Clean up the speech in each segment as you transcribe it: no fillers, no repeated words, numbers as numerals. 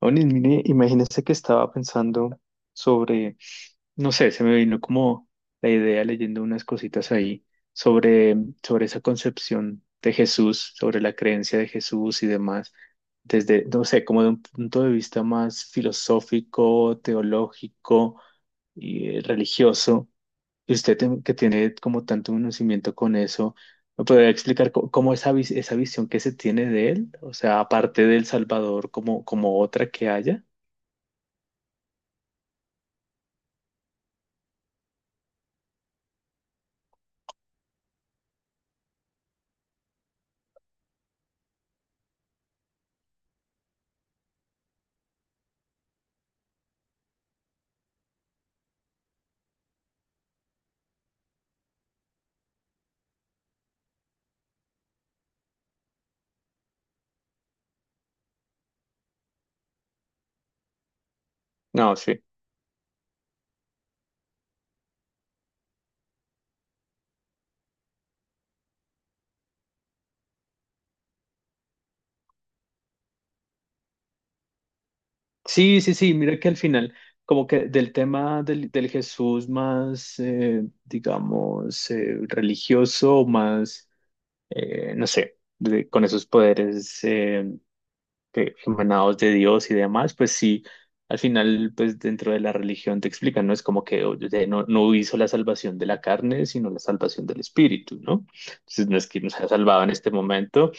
Onis, mire, imagínese que estaba pensando sobre, no sé, se me vino como la idea leyendo unas cositas ahí sobre, sobre esa concepción de Jesús, sobre la creencia de Jesús y demás, desde, no sé, como de un punto de vista más filosófico, teológico y religioso. Y usted que tiene como tanto conocimiento con eso, ¿me podría explicar cómo, esa visión que se tiene de él? O sea, aparte del Salvador, como otra que haya. No, sí. Sí, sí, sí, mira que al final, como que del tema del Jesús más, digamos, religioso, no sé, con esos poderes emanados de Dios y demás, pues sí, al final, pues dentro de la religión te explican, ¿no? Es como que oye, no, no hizo la salvación de la carne, sino la salvación del espíritu, ¿no? Entonces, no es que nos ha salvado en este momento.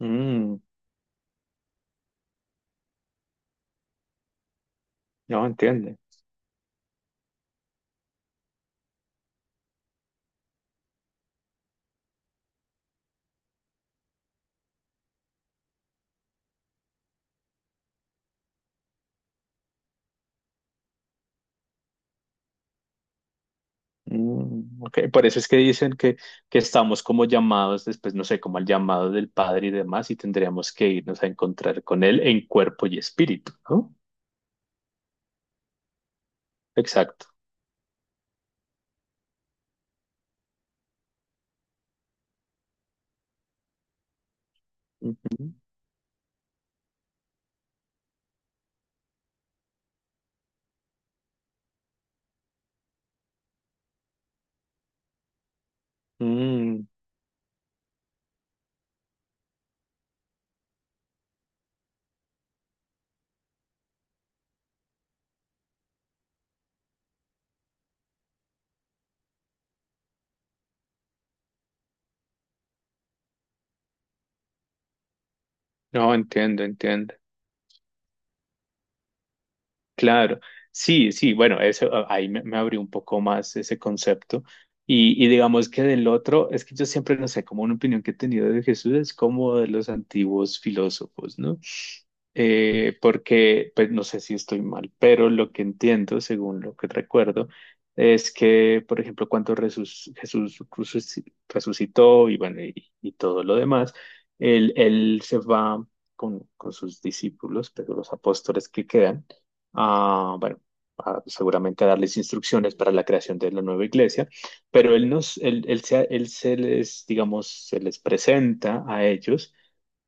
Mm, no, entiendo. Mm, ok. Por eso es que dicen que estamos como llamados después, no sé, como al llamado del Padre y demás, y tendríamos que irnos a encontrar con Él en cuerpo y espíritu, ¿no? Exacto. Ujú. Mm. No, entiendo, entiendo. Claro, sí, sí, bueno, eso ahí me, me abrió un poco más ese concepto. Y digamos que del otro, es que yo siempre, no sé, como una opinión que he tenido de Jesús es como de los antiguos filósofos, ¿no? Porque, pues no sé si estoy mal, pero lo que entiendo, según lo que recuerdo, es que, por ejemplo, cuando Jesús resucitó y bueno, y todo lo demás, él se va con sus discípulos, pero los apóstoles que quedan a, bueno, a seguramente a darles instrucciones para la creación de la nueva iglesia, pero él se les, digamos, se les presenta a ellos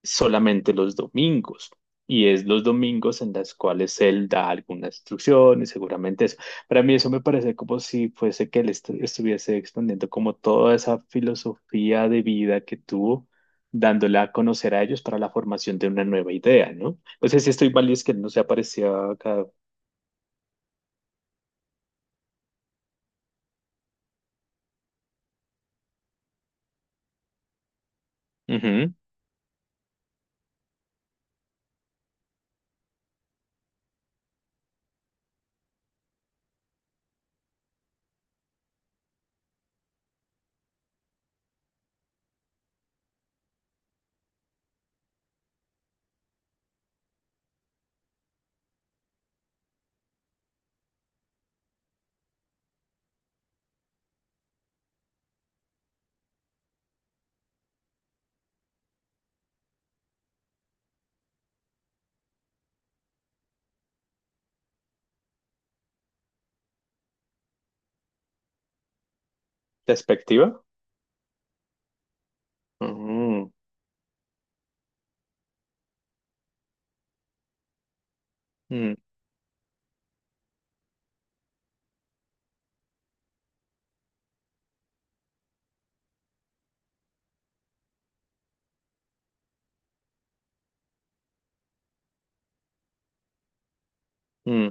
solamente los domingos. Y es los domingos en las cuales él da alguna instrucción y seguramente eso. Para mí eso me parece como si fuese que él estuviese expandiendo como toda esa filosofía de vida que tuvo, dándola a conocer a ellos para la formación de una nueva idea, ¿no? No sé si estoy mal y es que no se aparecía acá. Ujú. ¿Despectiva? Ujú. Mm, mm.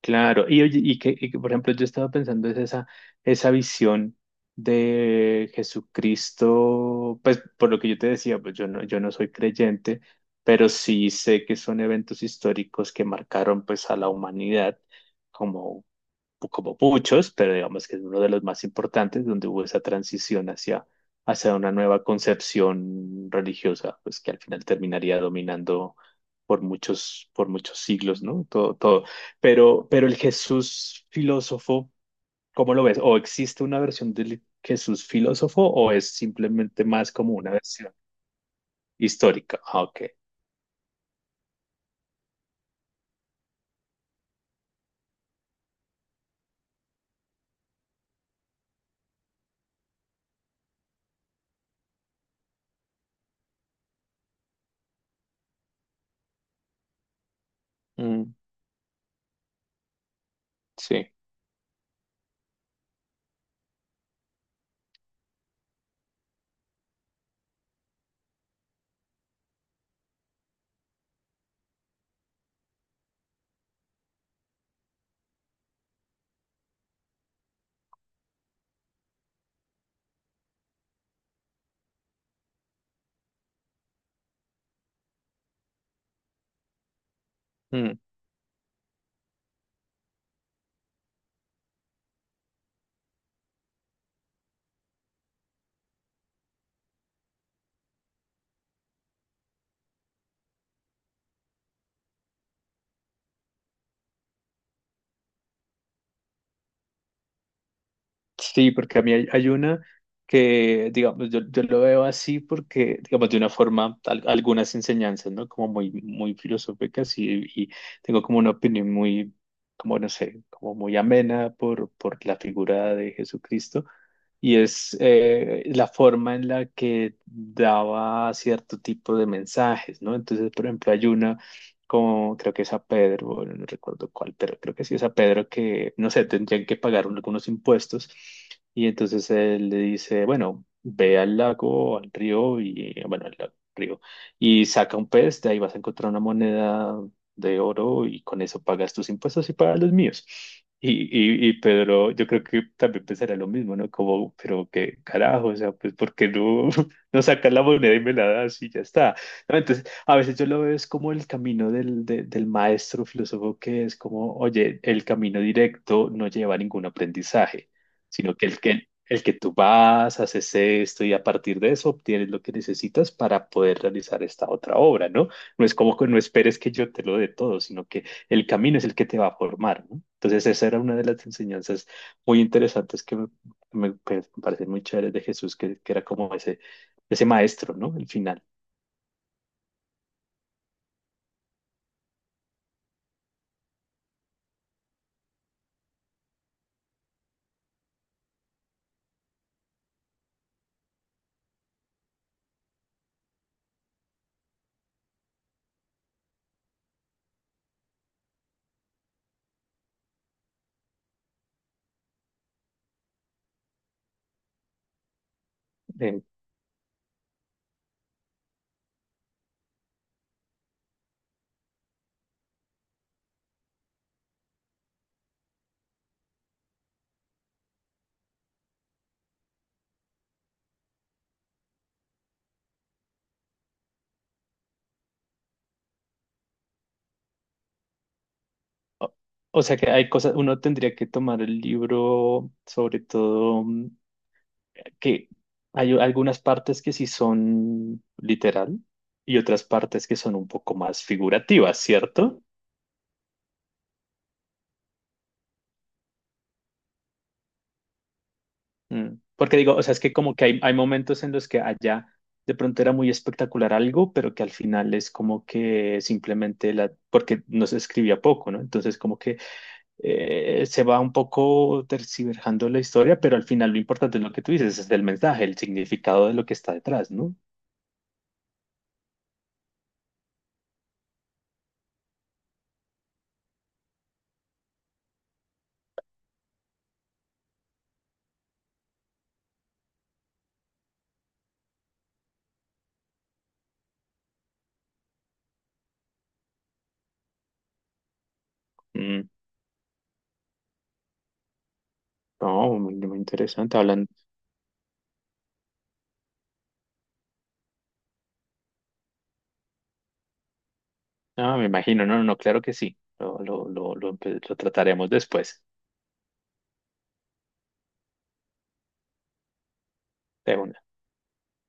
Claro. Y oye, y que, por ejemplo, yo estaba pensando es esa visión de Jesucristo, pues por lo que yo te decía, pues yo no, yo no soy creyente, pero sí sé que son eventos históricos que marcaron pues a la humanidad, como muchos, pero digamos que es uno de los más importantes, donde hubo esa transición hacia una nueva concepción religiosa, pues que al final terminaría dominando por muchos siglos, ¿no? Todo, todo. Pero el Jesús filósofo, ¿cómo lo ves? ¿O existe una versión del Jesús filósofo o es simplemente más como una versión histórica? Ah, ok. Mm, sí. Sí, porque a mí hay, hay una que, digamos, yo lo veo así porque, digamos, de una forma, algunas enseñanzas, ¿no? Como muy, muy filosóficas y tengo como una opinión muy, como no sé, como muy amena por la figura de Jesucristo. Y es la forma en la que daba cierto tipo de mensajes, ¿no? Entonces, por ejemplo, hay una como creo que es a Pedro, bueno, no recuerdo cuál, pero creo que sí es a Pedro que, no sé, tendrían que pagar algunos impuestos. Y entonces él le dice, bueno, ve al lago, al río, y bueno, al lago, río, y saca un pez, de ahí vas a encontrar una moneda de oro y con eso pagas tus impuestos y pagas los míos. Y, y Pedro, yo creo que también pensará lo mismo, ¿no? Como, pero qué carajo, o sea, pues ¿por qué no no sacas la moneda y me la das y ya está? ¿No? Entonces, a veces yo lo veo es como el camino del, del maestro filósofo que es como, oye, el camino directo no lleva a ningún aprendizaje, sino que el que, el que tú vas, haces esto y a partir de eso obtienes lo que necesitas para poder realizar esta otra obra, ¿no? No es como que no esperes que yo te lo dé todo, sino que el camino es el que te va a formar, ¿no? Entonces, esa era una de las enseñanzas muy interesantes que me, que me parecen muy chéveres de Jesús, que era como ese maestro, ¿no? El final. Eh, o, o sea que hay cosas, uno tendría que tomar el libro, sobre todo, mm, que hay algunas partes que sí son literal y otras partes que son un poco más figurativas, ¿cierto? Mm. Porque digo, o sea, es que como que hay momentos en los que allá de pronto era muy espectacular algo, pero que al final es como que simplemente la, porque no se escribía poco, ¿no? Entonces como que se va un poco tergiversando la historia, pero al final lo importante es lo que tú dices, es el mensaje, el significado de lo que está detrás, ¿no? Mm. No, muy, muy interesante. Hablan, ah, me imagino, no, no, no, claro que sí. Lo, pues, lo trataremos después. De una.